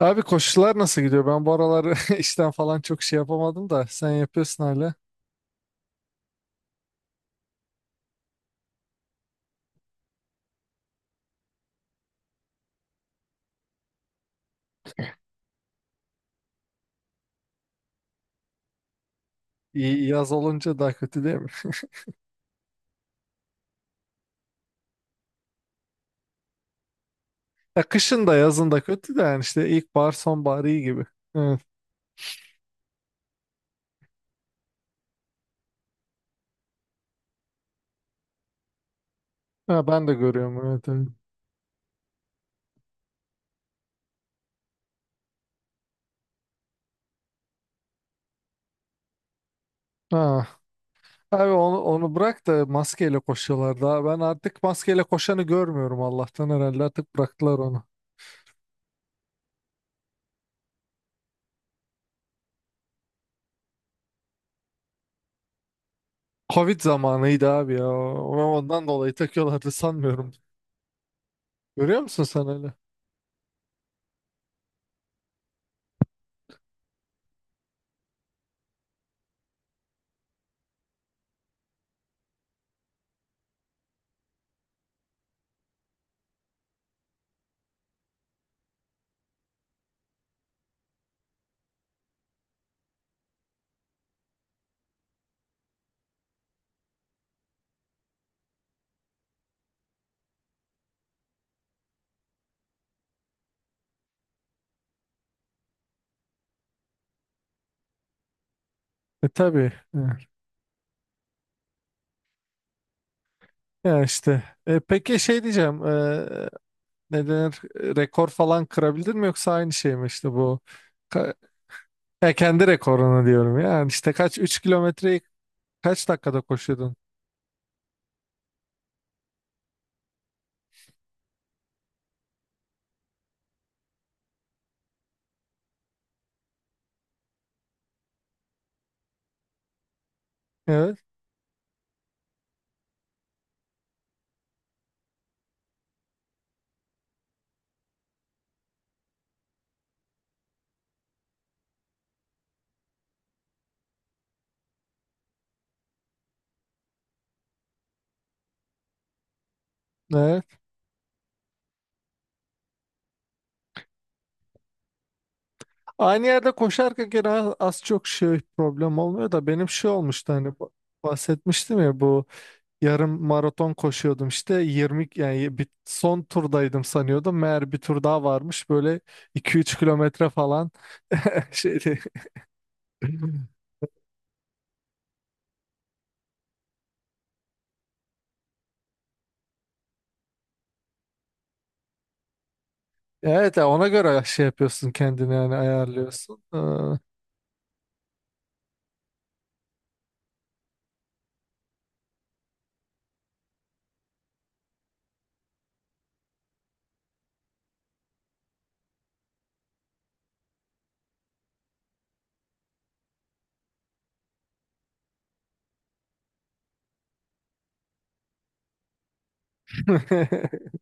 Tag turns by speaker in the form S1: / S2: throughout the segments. S1: Abi koşular nasıl gidiyor? Ben bu aralar işten falan çok şey yapamadım da sen yapıyorsun hala. İyi, yaz olunca daha kötü değil mi? Ya kışın da yazın da kötü de yani işte ilkbahar sonbahar iyi gibi. Evet. Ha, ben de görüyorum, evet, evet. Ha. Abi onu, onu bırak da maskeyle koşuyorlar daha. Ben artık maskeyle koşanı görmüyorum, Allah'tan herhalde artık bıraktılar onu. Covid zamanıydı abi ya. Ondan dolayı takıyorlardı sanmıyorum. Görüyor musun sen öyle? E tabii. Evet. Ya işte. Peki şey diyeceğim. Ne denir, rekor falan kırabildin mi yoksa aynı şey mi işte bu ka- ya kendi rekorunu diyorum ya. Yani işte kaç, 3 kilometreyi kaç dakikada koşuyordun? Evet. Evet. Aynı yerde koşarken gene az çok şey problem olmuyor da benim şey olmuştu hani bahsetmiştim ya bu yarım maraton koşuyordum işte 20, yani bir, son turdaydım sanıyordum, meğer bir tur daha varmış, böyle iki üç kilometre falan şeydi. Evet ya, ona göre şey yapıyorsun kendini, yani ayarlıyorsun.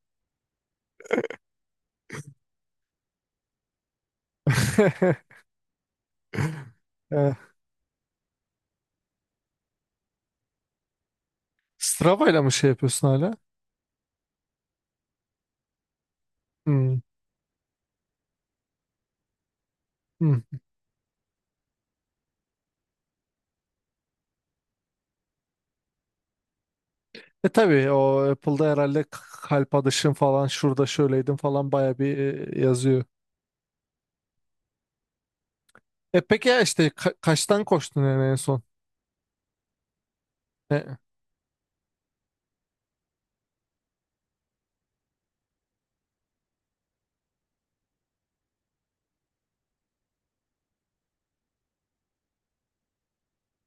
S1: eh, Strava ile mi şey yapıyorsun hala? Hmm, hmm. E tabii o Apple'da herhalde kalp atışın falan şurada şöyleydim falan baya bir, yazıyor. E peki ya işte kaçtan koştun yani en son? E,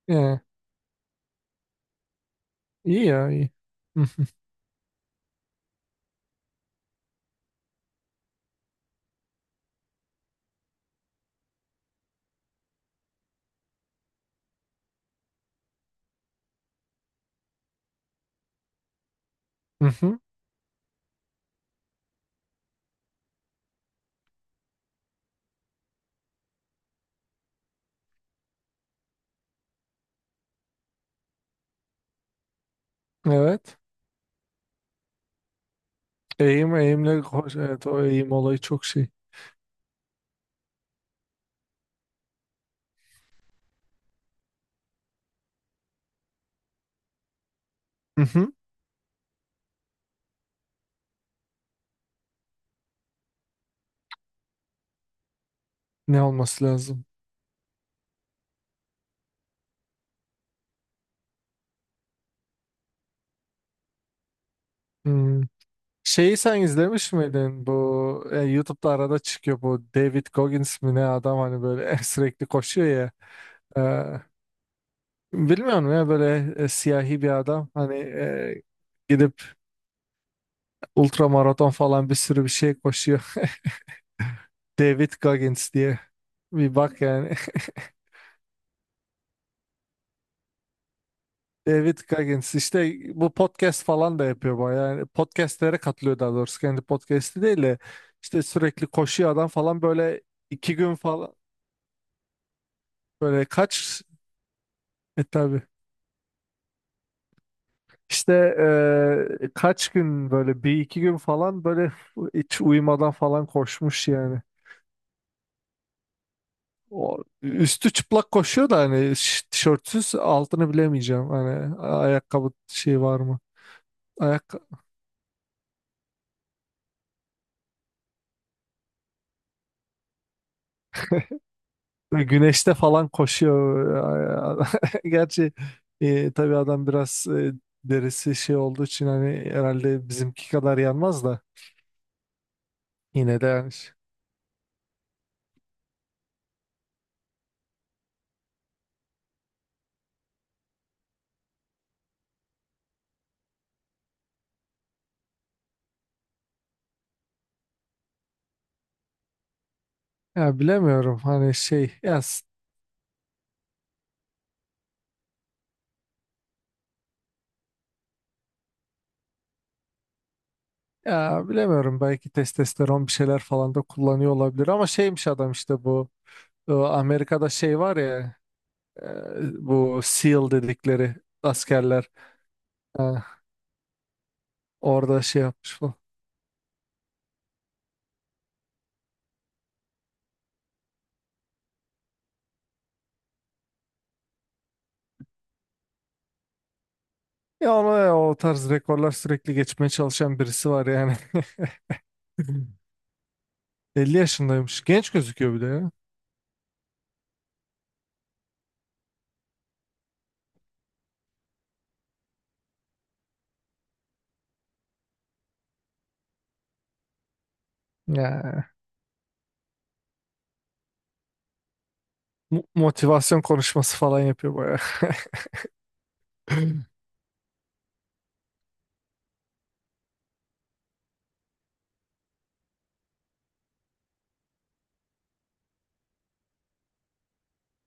S1: e, iyi ya, iyi. Hı hı, hı hı. Evet. Eğim eğimle koş. Evet, o eğim olayı çok şey. Hı hı. Ne olması lazım? Hmm. Şeyi sen izlemiş miydin? Bu YouTube'da arada çıkıyor, bu David Goggins mi ne, adam hani böyle sürekli koşuyor ya. E, bilmiyorum ya, böyle siyahi bir adam hani, gidip ultramaraton falan, bir sürü bir şey koşuyor. David Goggins diye. Bir bak yani. David Goggins işte, bu podcast falan da yapıyor bayağı. Yani podcastlere katılıyor daha doğrusu. Kendi podcast'i değil de işte sürekli koşuyor adam falan, böyle iki gün falan, böyle kaç, e tabii. İşte kaç gün böyle, bir iki gün falan böyle hiç uyumadan falan koşmuş yani. O, üstü çıplak koşuyor da hani, tişörtsüz, altını bilemeyeceğim. Hani ayakkabı şey var mı? Ayak güneşte falan koşuyor. Gerçi tabii adam biraz, derisi şey olduğu için hani herhalde bizimki kadar yanmaz da yine de yani. Ya bilemiyorum hani şey ya. Ya bilemiyorum, belki testosteron bir şeyler falan da kullanıyor olabilir, ama şeymiş adam işte bu, Amerika'da şey var ya, e, bu SEAL dedikleri askerler, e, orada şey yapmış falan. Ya ona ya, o tarz rekorlar sürekli geçmeye çalışan birisi var yani. 50 yaşındaymış. Genç gözüküyor bir de ya. Ya, motivasyon konuşması falan yapıyor bayağı.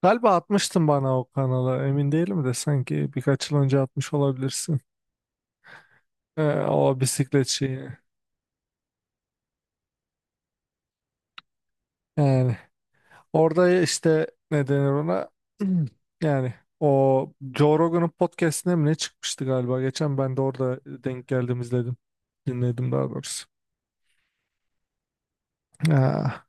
S1: Galiba atmıştın bana o kanala, emin değilim de, sanki birkaç yıl önce atmış olabilirsin. Ee, o bisiklet şeyi. Yani orada işte ne denir ona? Yani o Joe Rogan'ın podcastine mi ne çıkmıştı galiba? Geçen ben de orada denk geldim, izledim. Dinledim daha doğrusu. Ha,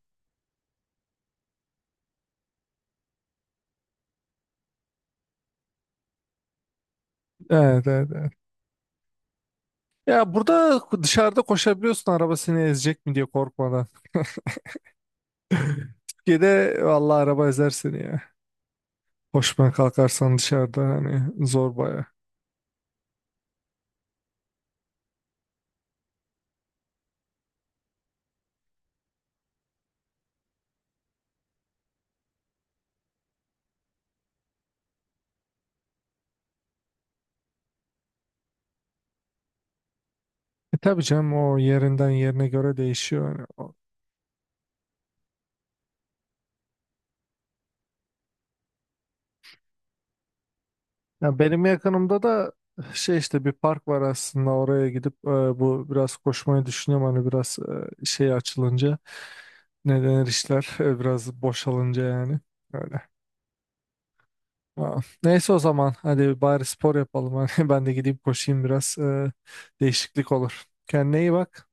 S1: evet, evet, evet. Ya burada dışarıda koşabiliyorsun, araba seni ezecek mi diye korkmadan. Türkiye'de vallahi araba ezer seni ya. Koşmaya kalkarsan dışarıda hani zor baya. E tabii canım, o yerinden yerine göre değişiyor yani. Ya benim yakınımda da şey işte bir park var, aslında oraya gidip, bu biraz koşmayı düşünüyorum, hani biraz, şey açılınca, ne denir, işler biraz boşalınca yani, öyle. Aa, neyse, o zaman hadi bari spor yapalım hani, ben de gideyim koşayım biraz, değişiklik olur. Kendine iyi bak.